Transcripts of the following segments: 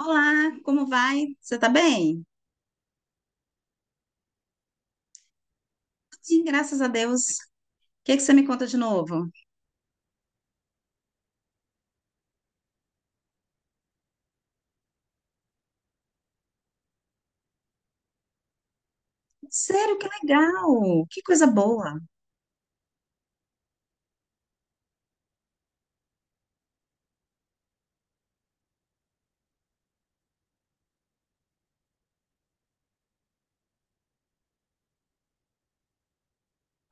Olá, como vai? Você tá bem? Sim, graças a Deus. O que é que você me conta de novo? Sério, que legal! Que coisa boa!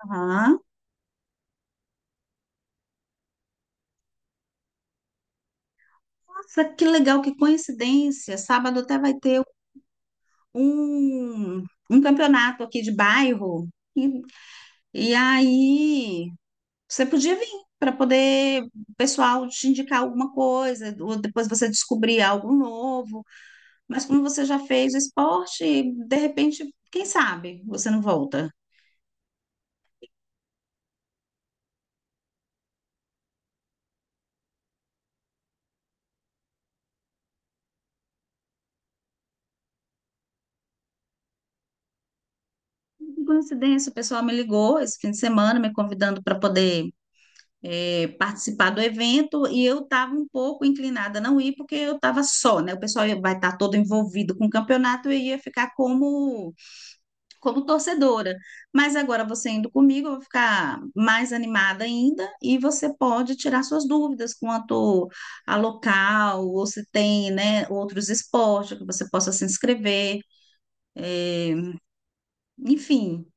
Aham. Nossa, que legal, que coincidência! Sábado até vai ter um, um campeonato aqui de bairro. E, e aí, você podia vir para poder o pessoal te indicar alguma coisa, ou depois você descobrir algo novo. Mas como você já fez o esporte, de repente, quem sabe você não volta. Por coincidência, o pessoal me ligou esse fim de semana, me convidando para poder participar do evento, e eu estava um pouco inclinada a não ir, porque eu estava só, né? O pessoal vai estar todo envolvido com o campeonato e eu ia ficar como torcedora. Mas agora você indo comigo, eu vou ficar mais animada ainda, e você pode tirar suas dúvidas quanto a local, ou se tem, né, outros esportes que você possa se inscrever, eh, enfim. O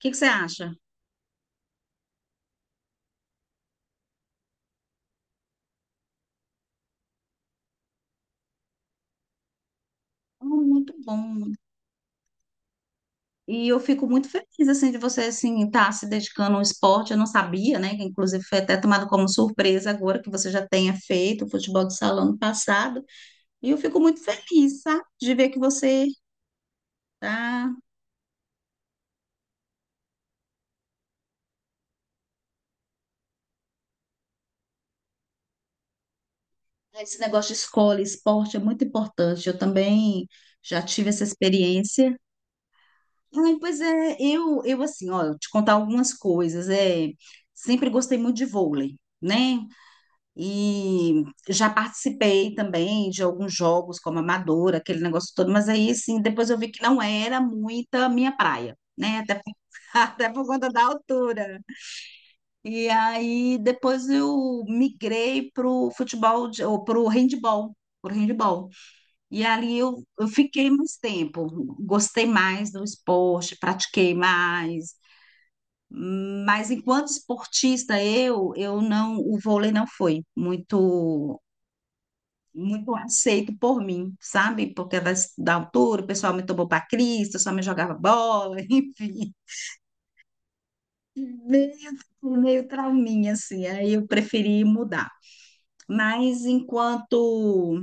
que que você acha? Ah, muito bom. E eu fico muito feliz assim de você assim estar se dedicando ao esporte. Eu não sabia, né? Que inclusive foi até tomado como surpresa agora que você já tenha feito o futebol de salão no passado. E eu fico muito feliz, sabe? De ver que você tá. Tá, esse negócio de escola e esporte é muito importante. Eu também já tive essa experiência. Ai, pois é, eu assim, ó, eu te contar algumas coisas. É, sempre gostei muito de vôlei, né? E já participei também de alguns jogos como amadora, aquele negócio todo, mas aí sim, depois eu vi que não era muita minha praia, né? Até, até por conta da altura. E aí depois eu migrei pro futebol de, ou pro handball. E ali eu fiquei mais tempo, gostei mais do esporte, pratiquei mais. Mas enquanto esportista eu não, o vôlei não foi muito muito aceito por mim, sabe? Porque da altura o pessoal me tomou para Cristo, só me jogava bola, enfim. Meio, meio trauminha, assim. Aí eu preferi mudar. Mas enquanto,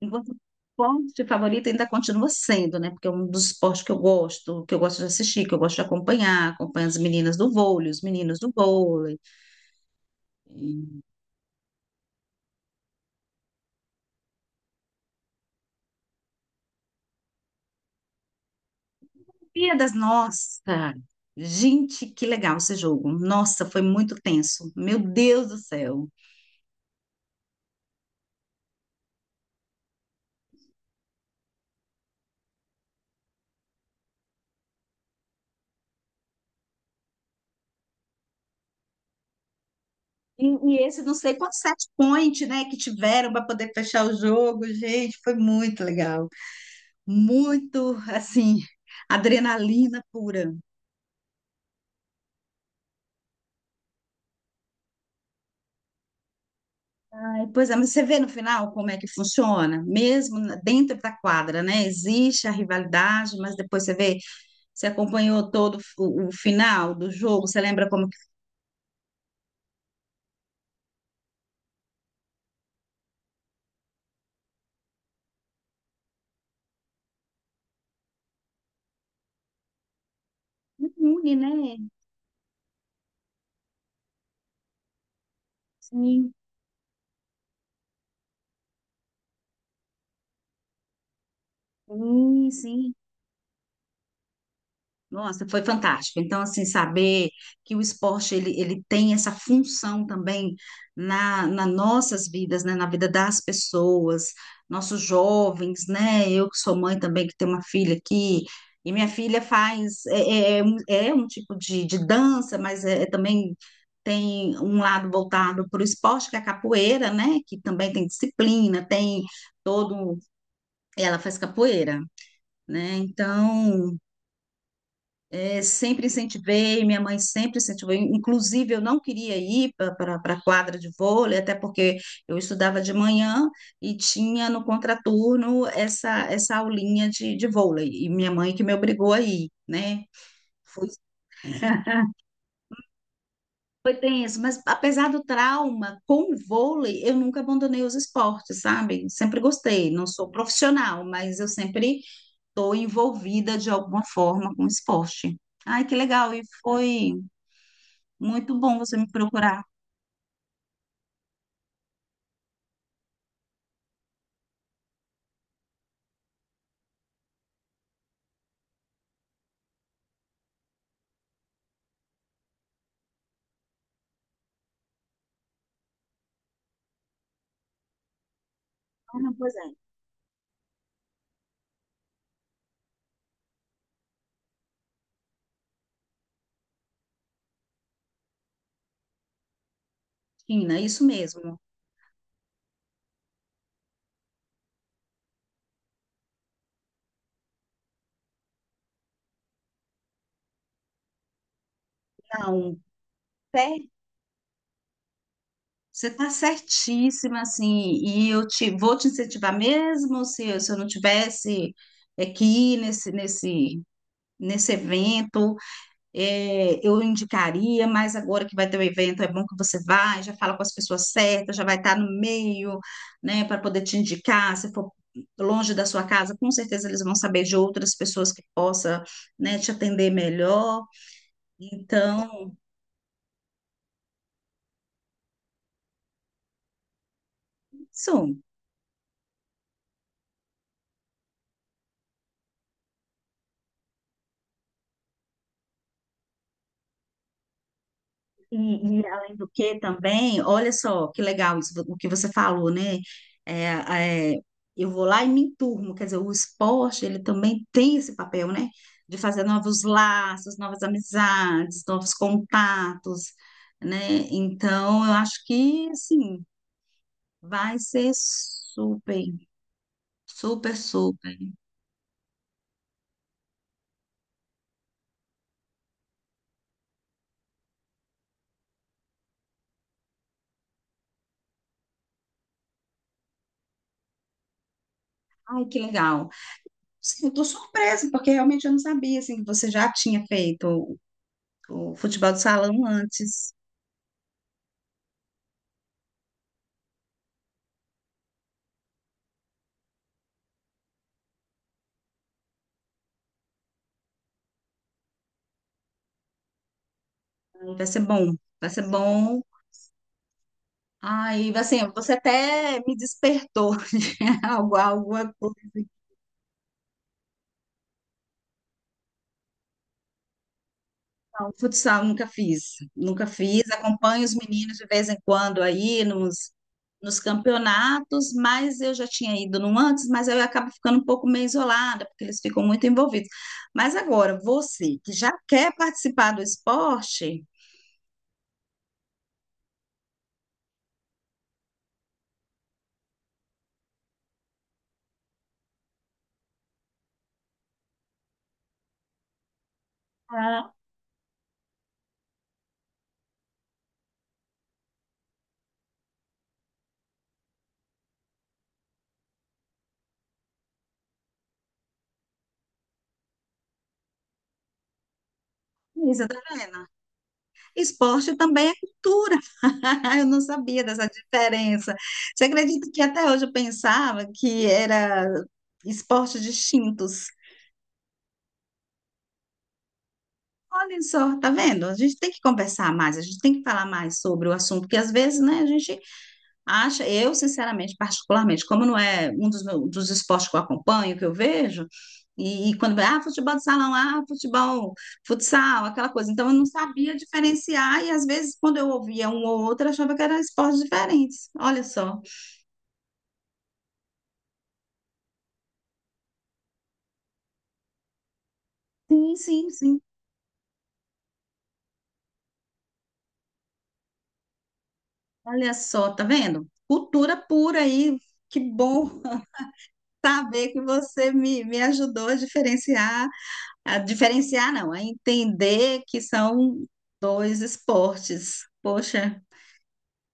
enquanto esporte favorito ainda continua sendo, né? Porque é um dos esportes que eu gosto de assistir, que eu gosto de acompanhar. Acompanho as meninas do vôlei, os meninos do vôlei. Olimpíadas, nossa! Gente, que legal esse jogo. Nossa, foi muito tenso. Meu Deus do céu. E esse não sei quantos set point, né, que tiveram para poder fechar o jogo, gente, foi muito legal. Muito, assim, adrenalina pura. Aí, pois é, mas você vê no final como é que funciona, mesmo dentro da quadra, né? Existe a rivalidade, mas depois você vê, você acompanhou todo o final do jogo, você lembra como que une, né? Sim, sim, sim. Nossa, foi fantástico. Então, assim, saber que o esporte ele tem essa função também na nossas vidas, né? Na vida das pessoas, nossos jovens, né? Eu que sou mãe também, que tenho uma filha aqui, e minha filha faz, é um tipo de dança, mas é também tem um lado voltado para o esporte, que é a capoeira, né? Que também tem disciplina, tem todo, ela faz capoeira, né? Então é, sempre incentivei, minha mãe sempre incentivou. Inclusive, eu não queria ir para a quadra de vôlei, até porque eu estudava de manhã e tinha no contraturno essa aulinha de vôlei. E minha mãe que me obrigou a ir, né? Foi, foi tenso, mas apesar do trauma com o vôlei, eu nunca abandonei os esportes, sabe? Sempre gostei. Não sou profissional, mas eu sempre estou envolvida de alguma forma com esporte. Ai, que legal! E foi. Muito bom você me procurar. Ah, não, pois é, China, isso mesmo. Não, pé, você está certíssima, assim, e eu te, vou te incentivar mesmo se, se eu não tivesse aqui nesse evento, é, eu indicaria, mas agora que vai ter o evento, é bom que você vai, já fala com as pessoas certas, já vai estar no meio, né, para poder te indicar, se for longe da sua casa, com certeza eles vão saber de outras pessoas que possa, né, te atender melhor. Então, isso. E, e além do que também, olha só que legal isso, o que você falou, né? É, é, eu vou lá e me enturmo, quer dizer, o esporte ele também tem esse papel, né? De fazer novos laços, novas amizades, novos contatos, né? Então, eu acho que assim vai ser super, super, super. Ai, que legal. Sim, eu tô surpresa, porque realmente eu não sabia assim, que você já tinha feito o futebol de salão antes. Aí, vai ser bom, vai ser bom. Aí, assim, você até me despertou algo, alguma coisa. Não, futsal nunca fiz, nunca fiz. Acompanho os meninos de vez em quando aí nos campeonatos, mas eu já tinha ido num antes, mas aí eu acabo ficando um pouco meio isolada, porque eles ficam muito envolvidos. Mas agora, você que já quer participar do esporte, ah, Isa, tá vendo? Esporte também é cultura. Eu não sabia dessa diferença. Você acredita que até hoje eu pensava que era esportes distintos? Olha só, tá vendo? A gente tem que conversar mais, a gente tem que falar mais sobre o assunto, porque às vezes, né, a gente acha, eu, sinceramente, particularmente, como não é um dos, dos esportes que eu acompanho, que eu vejo, e quando vai, ah, futebol de salão, ah, futebol, futsal, aquela coisa. Então, eu não sabia diferenciar, e às vezes, quando eu ouvia um ou outro, eu achava que eram esportes diferentes. Olha só. Sim, sim, sim. Olha só, tá vendo? Cultura pura aí. Que bom saber que você me ajudou a diferenciar não, a entender que são dois esportes. Poxa.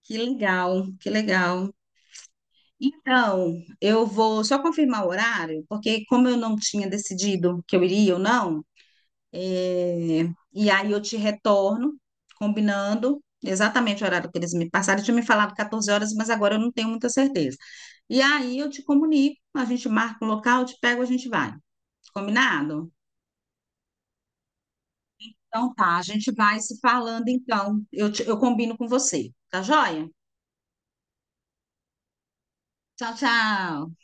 Que legal, que legal. Então, eu vou só confirmar o horário, porque como eu não tinha decidido que eu iria ou não, é, e aí eu te retorno, combinando exatamente o horário que eles me passaram. Eu tinha me falado 14 horas, mas agora eu não tenho muita certeza. E aí eu te comunico, a gente marca o local, eu te pego, a gente vai. Combinado? Então tá, a gente vai se falando então. Eu combino com você, tá joia? Tchau, tchau.